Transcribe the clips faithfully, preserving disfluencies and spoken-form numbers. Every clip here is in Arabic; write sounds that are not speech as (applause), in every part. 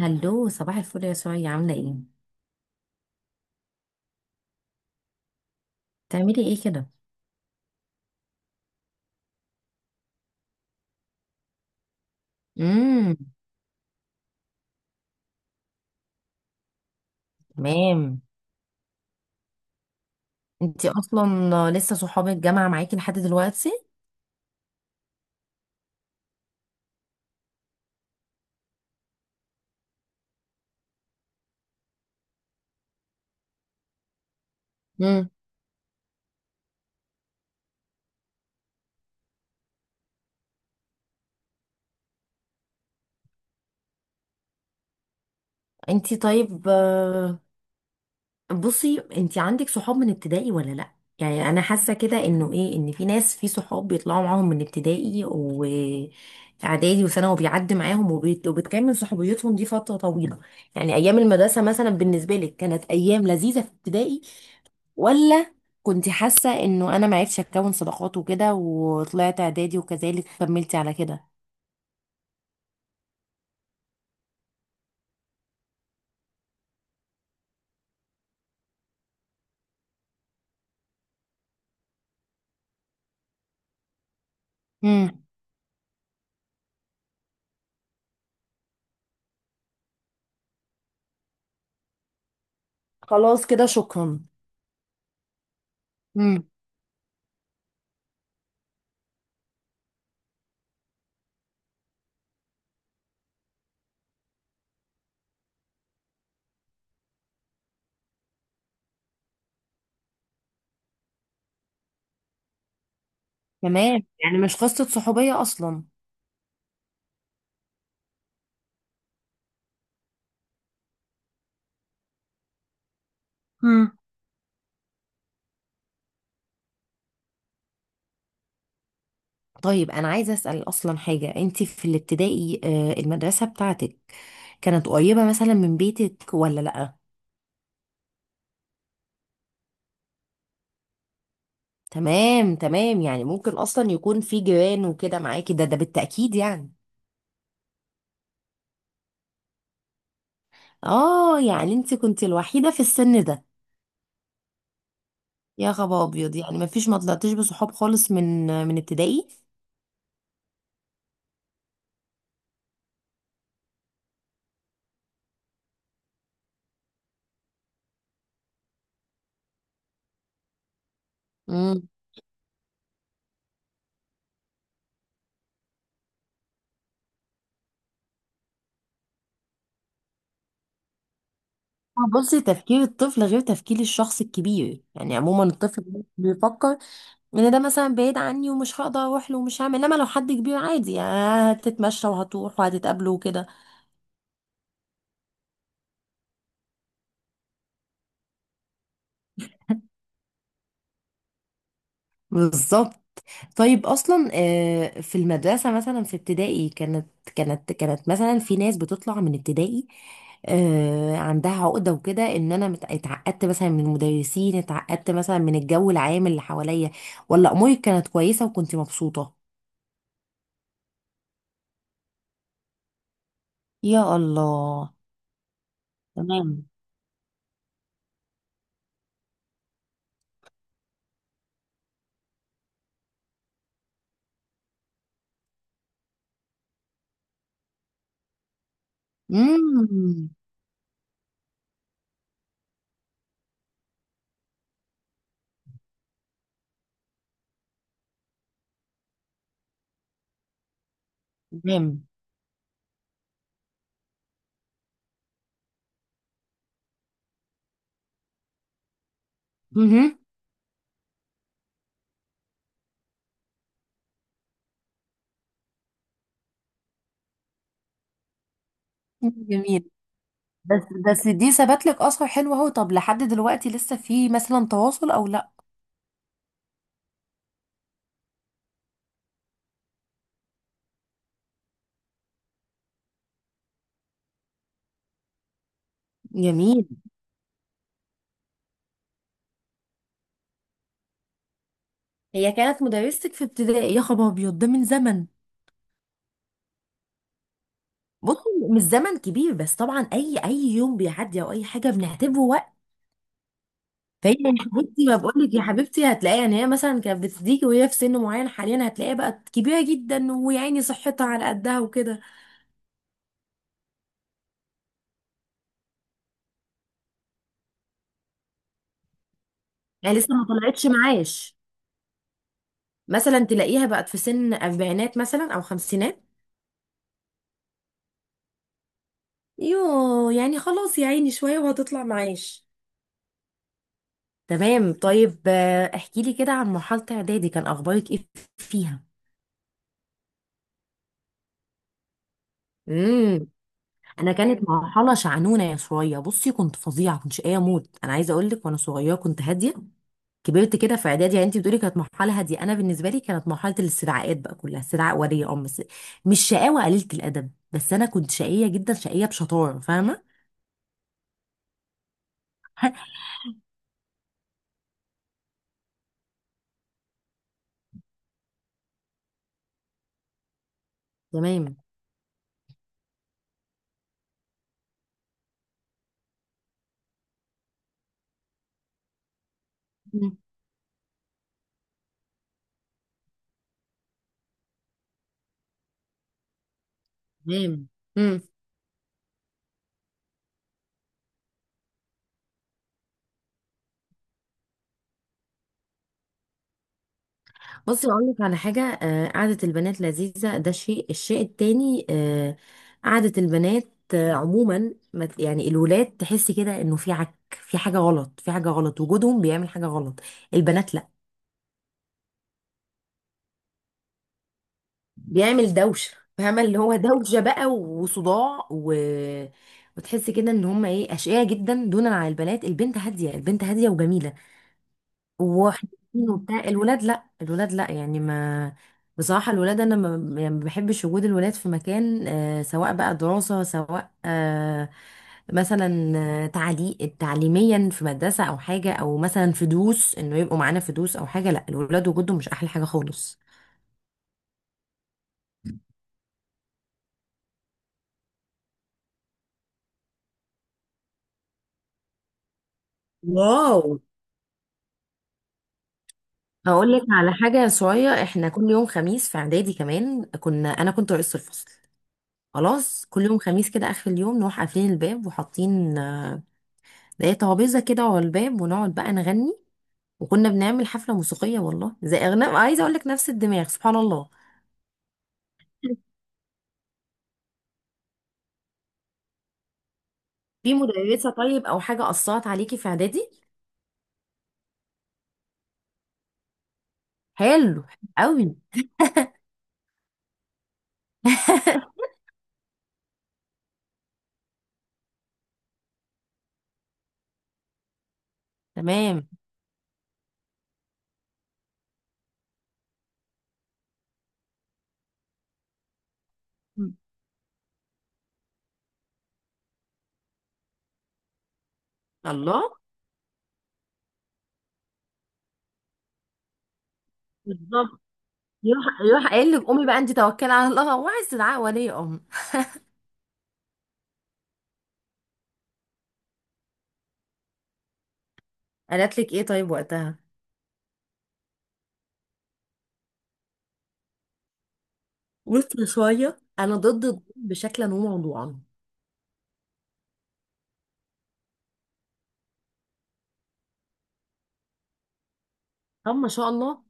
هلو، صباح الفل يا سوريا، عاملة ايه؟ بتعملي ايه كده؟ امم تمام. انتي اصلا لسه صحاب الجامعة معاكي لحد دلوقتي؟ امم. انتي طيب آه، بصي انت عندك صحاب من ابتدائي ولا لا؟ يعني انا حاسه كده انه ايه، ان في ناس، في صحاب بيطلعوا معاهم من ابتدائي واعدادي وثانوي وبيعدي معاهم، وبيت- وبتكمل صحوبيتهم دي فتره طويله. يعني ايام المدرسه مثلا بالنسبه لك كانت ايام لذيذه في ابتدائي، ولا كنت حاسه انه انا ما عرفتش اكون صداقات وكده وطلعت اعدادي وكذلك كملتي على كده؟ امم. خلاص كده، شكرا. امم. تمام، يعني مش قصه صحوبيه اصلا. طيب، انا عايزه اسال اصلا حاجه، انت في الابتدائي آه، المدرسه بتاعتك كانت قريبه مثلا من بيتك ولا لا؟ تمام تمام، يعني ممكن اصلا يكون في جيران وكده معاكي، ده ده بالتاكيد يعني. اه، يعني انت كنت الوحيده في السن ده؟ يا خبر ابيض، يعني ما فيش، ما طلعتيش بصحاب خالص من من ابتدائي؟ امم. بصي، تفكير الطفل غير تفكير الشخص الكبير، يعني عموما الطفل بيفكر ان ده مثلا بعيد عني ومش هقدر اروح له ومش هعمل، انما لو حد كبير عادي يعني هتتمشى وهتروح وهتتقابله وكده. بالظبط. طيب اصلا آه، في المدرسه مثلا في ابتدائي كانت، كانت كانت مثلا في ناس بتطلع من ابتدائي آه، عندها عقده وكده، ان انا مت- اتعقدت مثلا من المدرسين، اتعقدت مثلا من الجو العام اللي حواليا، ولا امورك كانت كويسه وكنت مبسوطه؟ يا الله. تمام. امم. تمام. مهم. جميل. بس بس دي ثبت لك اثر حلو اهو. طب لحد دلوقتي لسه في مثلا تواصل او لا؟ جميل. هي كانت مدرستك في ابتدائي؟ يا خبر ابيض، ده من زمن. بص، مش زمن كبير، بس طبعا اي، اي يوم بيعدي او اي حاجه بنعتبره وقت. فهي يا حبيبتي، ما بقول لك يا حبيبتي، هتلاقيها، يعني هي مثلا كانت بتديكي وهي في سن معين، حاليا هتلاقيها بقت كبيره جدا، ويعني صحتها على قدها وكده. يعني لسه ما طلعتش معاش؟ مثلا تلاقيها بقت في سن اربعينات مثلا او خمسينات. يوه، يعني خلاص يا عيني، شوية وهتطلع معاش. تمام. طيب آه، احكي لي كده عن مرحلة اعدادي، كان اخبارك ايه فيها؟ امم. انا كانت مرحلة شعنونة، يا شوية بصي كنت فظيعة، كنت شقية موت. انا عايزة اقول لك، وانا صغيرة كنت هادية، كبرت كده في اعدادي. يعني انت بتقولي كانت مرحلة هادية، انا بالنسبة لي كانت مرحلة الاستدعاءات بقى، كلها استدعاء ولي امر بس. مش شقاوة قليلة الادب، بس انا كنت شقية جدا، شقية بشطارة، فاهمة؟ (laughs) تمام. مم. تمام. بصي اقول لك على حاجه، آه، قعده البنات لذيذه، ده شيء. الشيء التاني آه، قعده البنات آه، عموما، ما ت- يعني الولاد تحسي كده انه في عك، في حاجه غلط، في حاجه غلط، وجودهم بيعمل حاجه غلط. البنات لا، بيعمل دوشه فاهمه، اللي هو دوشه بقى وصداع و... وتحسي كده ان هم ايه، اشقياء جدا دونا عن البنات. البنت هاديه، البنت هاديه وجميله وحنين وبتاع. الولاد لا، الولاد لا، يعني ما، بصراحة الولاد أنا ما، يعني ما بحبش وجود الولاد في مكان آه، سواء بقى دراسة، سواء آه، مثلا آه، تعلي تعليميا في مدرسة أو حاجة، أو مثلا في دروس إنه يبقوا معانا في دروس أو حاجة. لا، الولاد وجودهم مش أحلى حاجة خالص. واو. هقول لك على حاجة صغيرة، احنا كل يوم خميس في إعدادي كمان، كنا، أنا كنت رئيس الفصل، خلاص كل يوم خميس كده آخر اليوم نروح قافلين الباب وحاطين، لقيت طرابيزه كده ورا الباب، ونقعد بقى نغني. وكنا بنعمل حفله موسيقيه، والله زي اغنام عايزه اقول لك، نفس الدماغ، سبحان الله. في مدرسه طيب او حاجه اثرت عليكي في اعدادي؟ حلو قوي. (laughs) تمام. مم. الله. بالظبط. يروح يروح قايل لك قومي بقى انت توكلي على الله، وعايز تدعي ولي امر. قالت لك ايه طيب وقتها؟ قلت شويه، انا ضد الضرب بشكلا وموضوعا. طب ما شاء الله.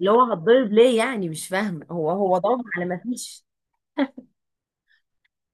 اللي هو هتضرب ليه؟ يعني مش فاهمه، هو هو ضرب على ما فيش.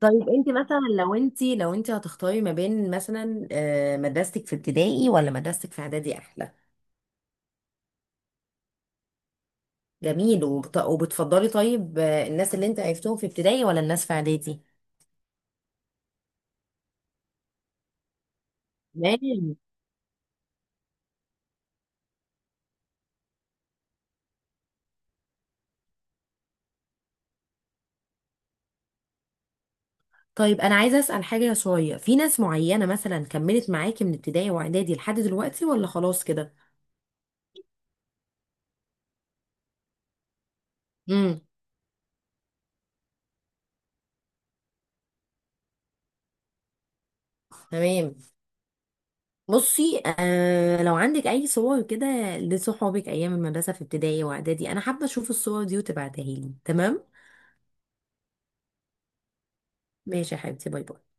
طيب انت مثلا، لو انت لو انت هتختاري ما بين مثلا آه، مدرستك في ابتدائي ولا مدرستك في اعدادي، احلى؟ جميل. وبت- وبتفضلي طيب آه، الناس اللي انت عرفتهم في ابتدائي ولا الناس في اعدادي؟ تمام. طيب انا عايزه اسال حاجه، شويه، في ناس معينه مثلا كملت معاكي من ابتدائي واعدادي لحد دلوقتي ولا خلاص كده؟ امم. تمام. بصي، آه لو عندك اي صور كده لصحابك ايام المدرسه في ابتدائي واعدادي، انا حابه اشوف الصور دي وتبعتها لي. تمام ماشي يا حبيبتي، باي باي.